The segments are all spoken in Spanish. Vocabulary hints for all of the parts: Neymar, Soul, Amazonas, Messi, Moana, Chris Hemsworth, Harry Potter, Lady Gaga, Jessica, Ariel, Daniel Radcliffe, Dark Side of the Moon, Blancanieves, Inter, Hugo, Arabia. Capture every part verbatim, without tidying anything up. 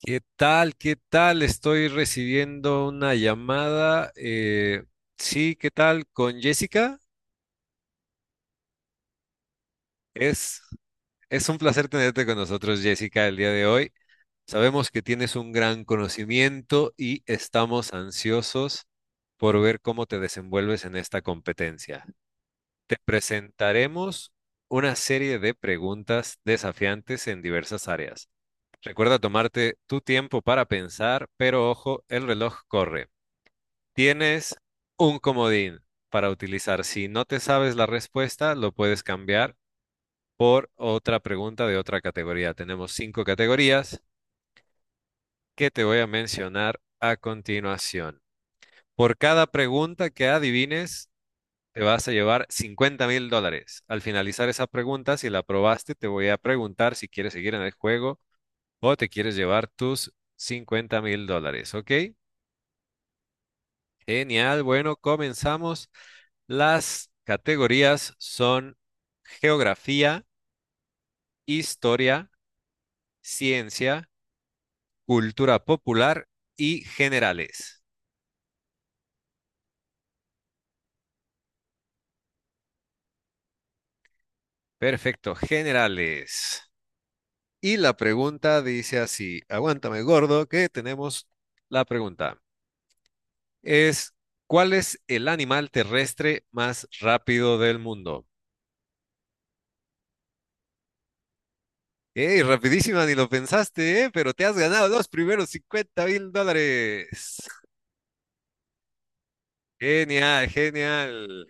¿Qué tal? ¿Qué tal? Estoy recibiendo una llamada. Eh, sí, ¿qué tal? Con Jessica. Es, es un placer tenerte con nosotros, Jessica, el día de hoy. Sabemos que tienes un gran conocimiento y estamos ansiosos por ver cómo te desenvuelves en esta competencia. Te presentaremos una serie de preguntas desafiantes en diversas áreas. Recuerda tomarte tu tiempo para pensar, pero ojo, el reloj corre. Tienes un comodín para utilizar. Si no te sabes la respuesta, lo puedes cambiar por otra pregunta de otra categoría. Tenemos cinco categorías que te voy a mencionar a continuación. Por cada pregunta que adivines, te vas a llevar cincuenta mil dólares. Al finalizar esa pregunta, si la aprobaste, te voy a preguntar si quieres seguir en el juego o te quieres llevar tus cincuenta mil dólares. ¿Ok? Genial. Bueno, comenzamos. Las categorías son geografía, historia, ciencia, cultura popular y generales. Perfecto, generales. Y la pregunta dice así, aguántame gordo, que tenemos la pregunta. Es, ¿Cuál es el animal terrestre más rápido del mundo? ¡Ey, rapidísima, ni lo pensaste, ¿eh? Pero te has ganado los primeros cincuenta mil dólares. Genial, genial.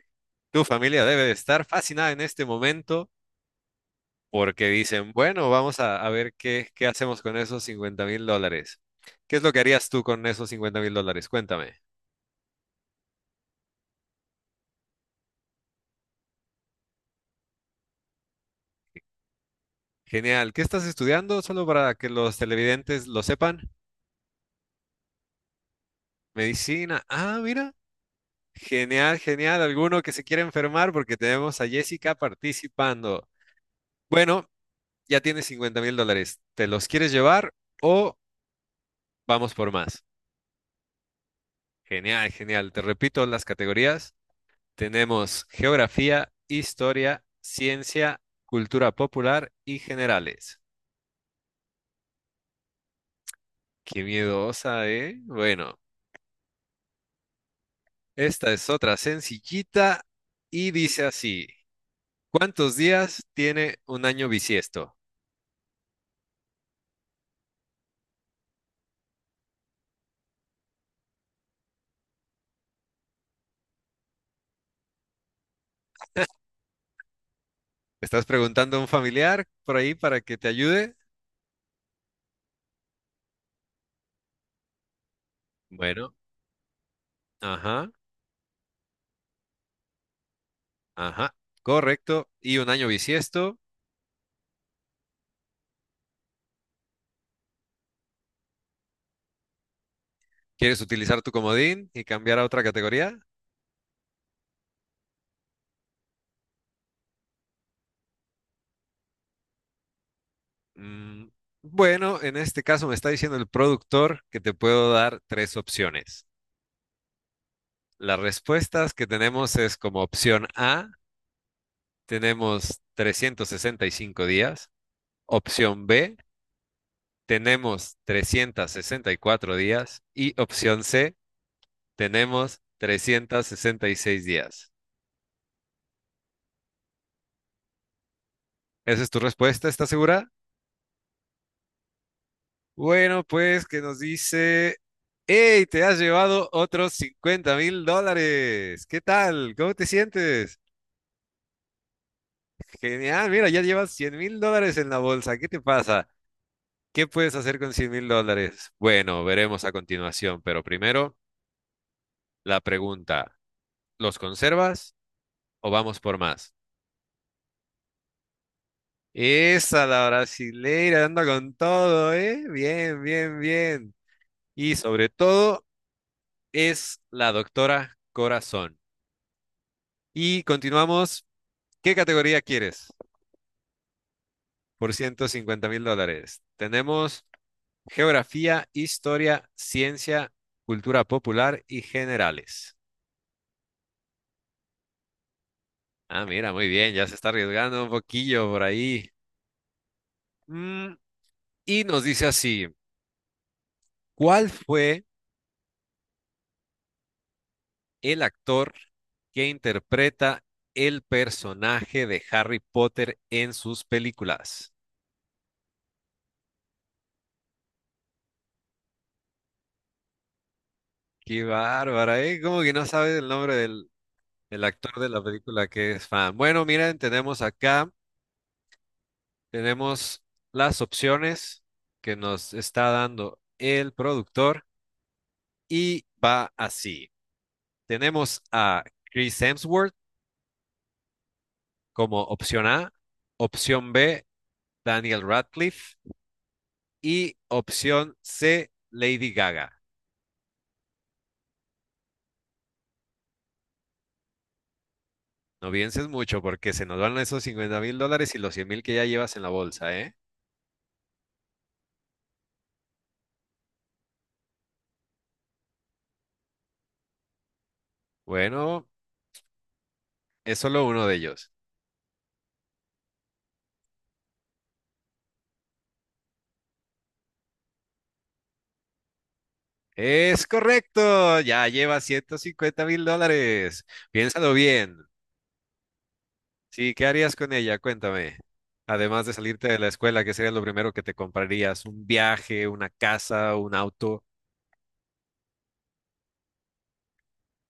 Tu familia debe de estar fascinada en este momento porque dicen, bueno, vamos a, a ver qué, qué hacemos con esos cincuenta mil dólares. ¿Qué es lo que harías tú con esos cincuenta mil dólares? Cuéntame. Genial. ¿Qué estás estudiando? Solo para que los televidentes lo sepan. Medicina. Ah, mira. Genial, genial. ¿Alguno que se quiera enfermar? Porque tenemos a Jessica participando. Bueno, ya tienes cincuenta mil dólares. ¿Te los quieres llevar o vamos por más? Genial, genial. Te repito las categorías. Tenemos geografía, historia, ciencia, cultura popular y generales. Qué miedosa, ¿eh? Bueno, esta es otra sencillita y dice así. ¿Cuántos días tiene un año bisiesto? ¿Estás preguntando a un familiar por ahí para que te ayude? Bueno, ajá, ajá, correcto. ¿Y un año bisiesto? ¿Quieres utilizar tu comodín y cambiar a otra categoría? Mm, bueno, en este caso me está diciendo el productor que te puedo dar tres opciones. Las respuestas que tenemos es como opción A, tenemos trescientos sesenta y cinco días, opción B, tenemos trescientos sesenta y cuatro días y opción C, tenemos trescientos sesenta y seis días. ¿Esa es tu respuesta? ¿Estás segura? Bueno, pues que nos dice, ¡Hey! Te has llevado otros cincuenta mil dólares. ¿Qué tal? ¿Cómo te sientes? Genial, mira, ya llevas cien mil dólares en la bolsa. ¿Qué te pasa? ¿Qué puedes hacer con cien mil dólares? Bueno, veremos a continuación, pero primero la pregunta, ¿los conservas o vamos por más? Esa, la brasileira, anda con todo, ¿eh? Bien, bien, bien. Y sobre todo es la doctora Corazón. Y continuamos, ¿qué categoría quieres? Por ciento cincuenta mil dólares. Tenemos geografía, historia, ciencia, cultura popular y generales. Ah, mira, muy bien, ya se está arriesgando un poquillo por ahí. Mm, y nos dice así, ¿cuál fue el actor que interpreta el personaje de Harry Potter en sus películas? Qué bárbara, ¿eh? Como que no sabes el nombre del, del actor de la película que es fan. Bueno, miren, tenemos acá tenemos las opciones que nos está dando el productor y va así. Tenemos a Chris Hemsworth como opción A, opción B, Daniel Radcliffe y opción C, Lady Gaga. No pienses mucho porque se nos van esos cincuenta mil dólares y los cien mil que ya llevas en la bolsa, ¿eh? Bueno, es solo uno de ellos. Es correcto, ya lleva ciento cincuenta mil dólares. Piénsalo bien. Sí, ¿qué harías con ella? Cuéntame. Además de salirte de la escuela, ¿qué sería lo primero que te comprarías? ¿Un viaje, una casa, un auto?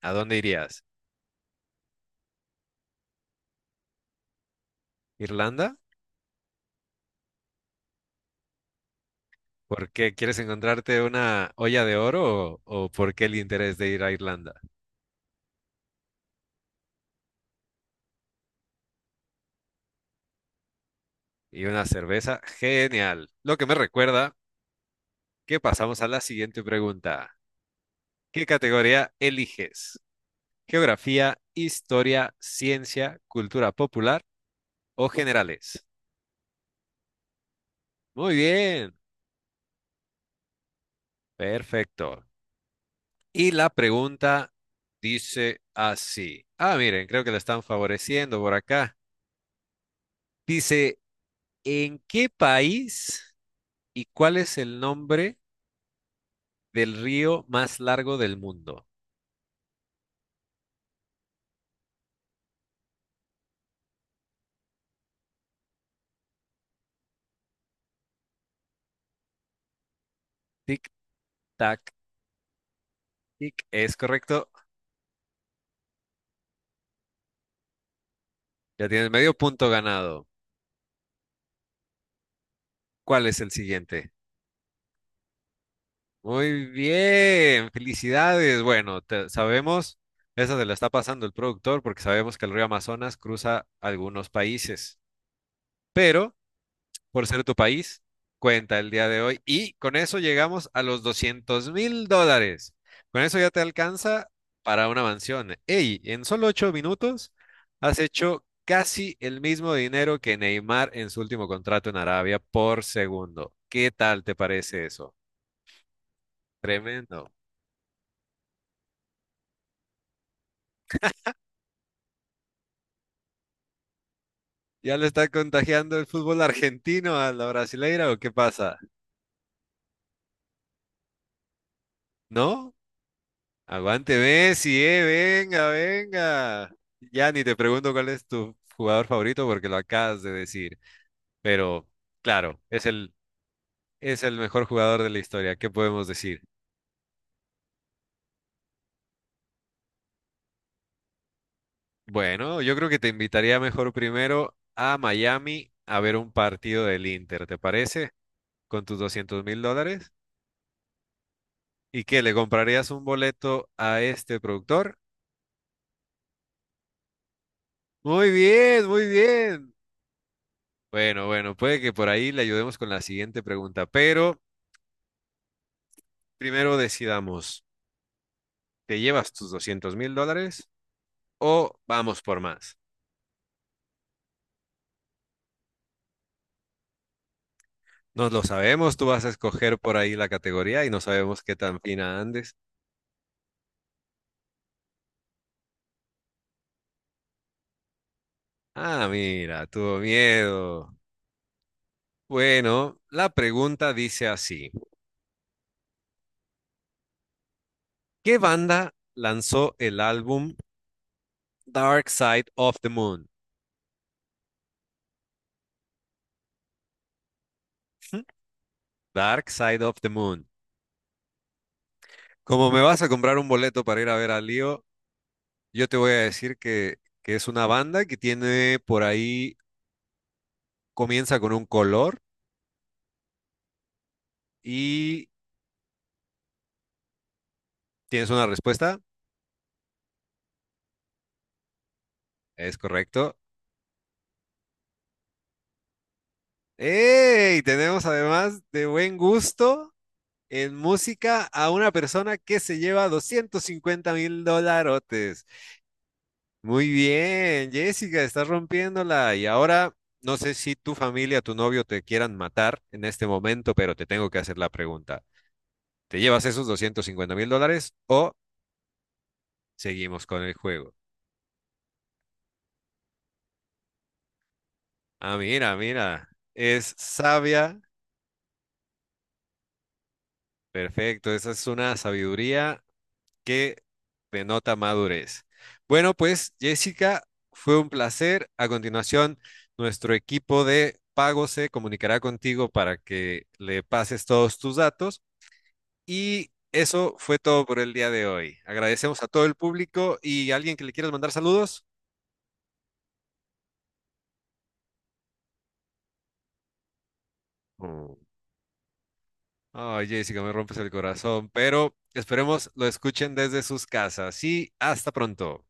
¿A dónde irías? ¿Irlanda? ¿Por qué quieres encontrarte una olla de oro o, o por qué el interés de ir a Irlanda? Y una cerveza, genial. Lo que me recuerda que pasamos a la siguiente pregunta. ¿Qué categoría eliges? ¿Geografía, historia, ciencia, cultura popular o generales? Muy bien, perfecto. Y la pregunta dice así. Ah, miren, creo que la están favoreciendo por acá. Dice, ¿en qué país y cuál es el nombre del río más largo del mundo? Tic, tac, tic. Es correcto. Ya tienes medio punto ganado. ¿Cuál es el siguiente? Muy bien, felicidades. Bueno, te- sabemos, esa se la está pasando el productor porque sabemos que el río Amazonas cruza algunos países, pero... por ser tu país cuenta el día de hoy. Y con eso llegamos a los doscientos mil dólares. Con eso ya te alcanza para una mansión. Ey, en solo ocho minutos has hecho casi el mismo dinero que Neymar en su último contrato en Arabia por segundo. ¿Qué tal te parece eso? Tremendo. ¿Ya le está contagiando el fútbol argentino a la brasileira o qué pasa? ¿No? Aguante Messi, eh, venga, venga. Ya ni te pregunto cuál es tu jugador favorito porque lo acabas de decir. Pero claro, es el, es el mejor jugador de la historia. ¿Qué podemos decir? Bueno, yo creo que te invitaría mejor primero a Miami a ver un partido del Inter, ¿te parece? Con tus doscientos mil dólares. ¿Y qué? ¿Le comprarías un boleto a este productor? Muy bien, muy bien. Bueno, bueno, puede que por ahí le ayudemos con la siguiente pregunta, pero... Primero decidamos, ¿te llevas tus doscientos mil dólares o vamos por más? No lo sabemos, tú vas a escoger por ahí la categoría y no sabemos qué tan fina andes. Ah, mira, tuvo miedo. Bueno, la pregunta dice así. ¿Qué banda lanzó el álbum Dark Side of the Moon? ¿Mm? Dark Side of the Moon. Como me vas a comprar un boleto para ir a ver a Leo, yo te voy a decir que, que es una banda que tiene por ahí, comienza con un color y tienes una respuesta, es correcto. ¡Ey! Tenemos además de buen gusto en música a una persona que se lleva doscientos cincuenta mil dolarotes. Muy bien, Jessica, estás rompiéndola. Y ahora, no sé si tu familia, tu novio te quieran matar en este momento, pero te tengo que hacer la pregunta. ¿Te llevas esos doscientos cincuenta mil dólares o seguimos con el juego? Ah, mira, mira, es sabia. Perfecto, esa es una sabiduría que denota madurez. Bueno, pues Jessica, fue un placer. A continuación, nuestro equipo de pago se comunicará contigo para que le pases todos tus datos. Y eso fue todo por el día de hoy. Agradecemos a todo el público y alguien que le quieras mandar saludos. Mm. Ay, Jessica, me rompes el corazón, pero esperemos lo escuchen desde sus casas y hasta pronto.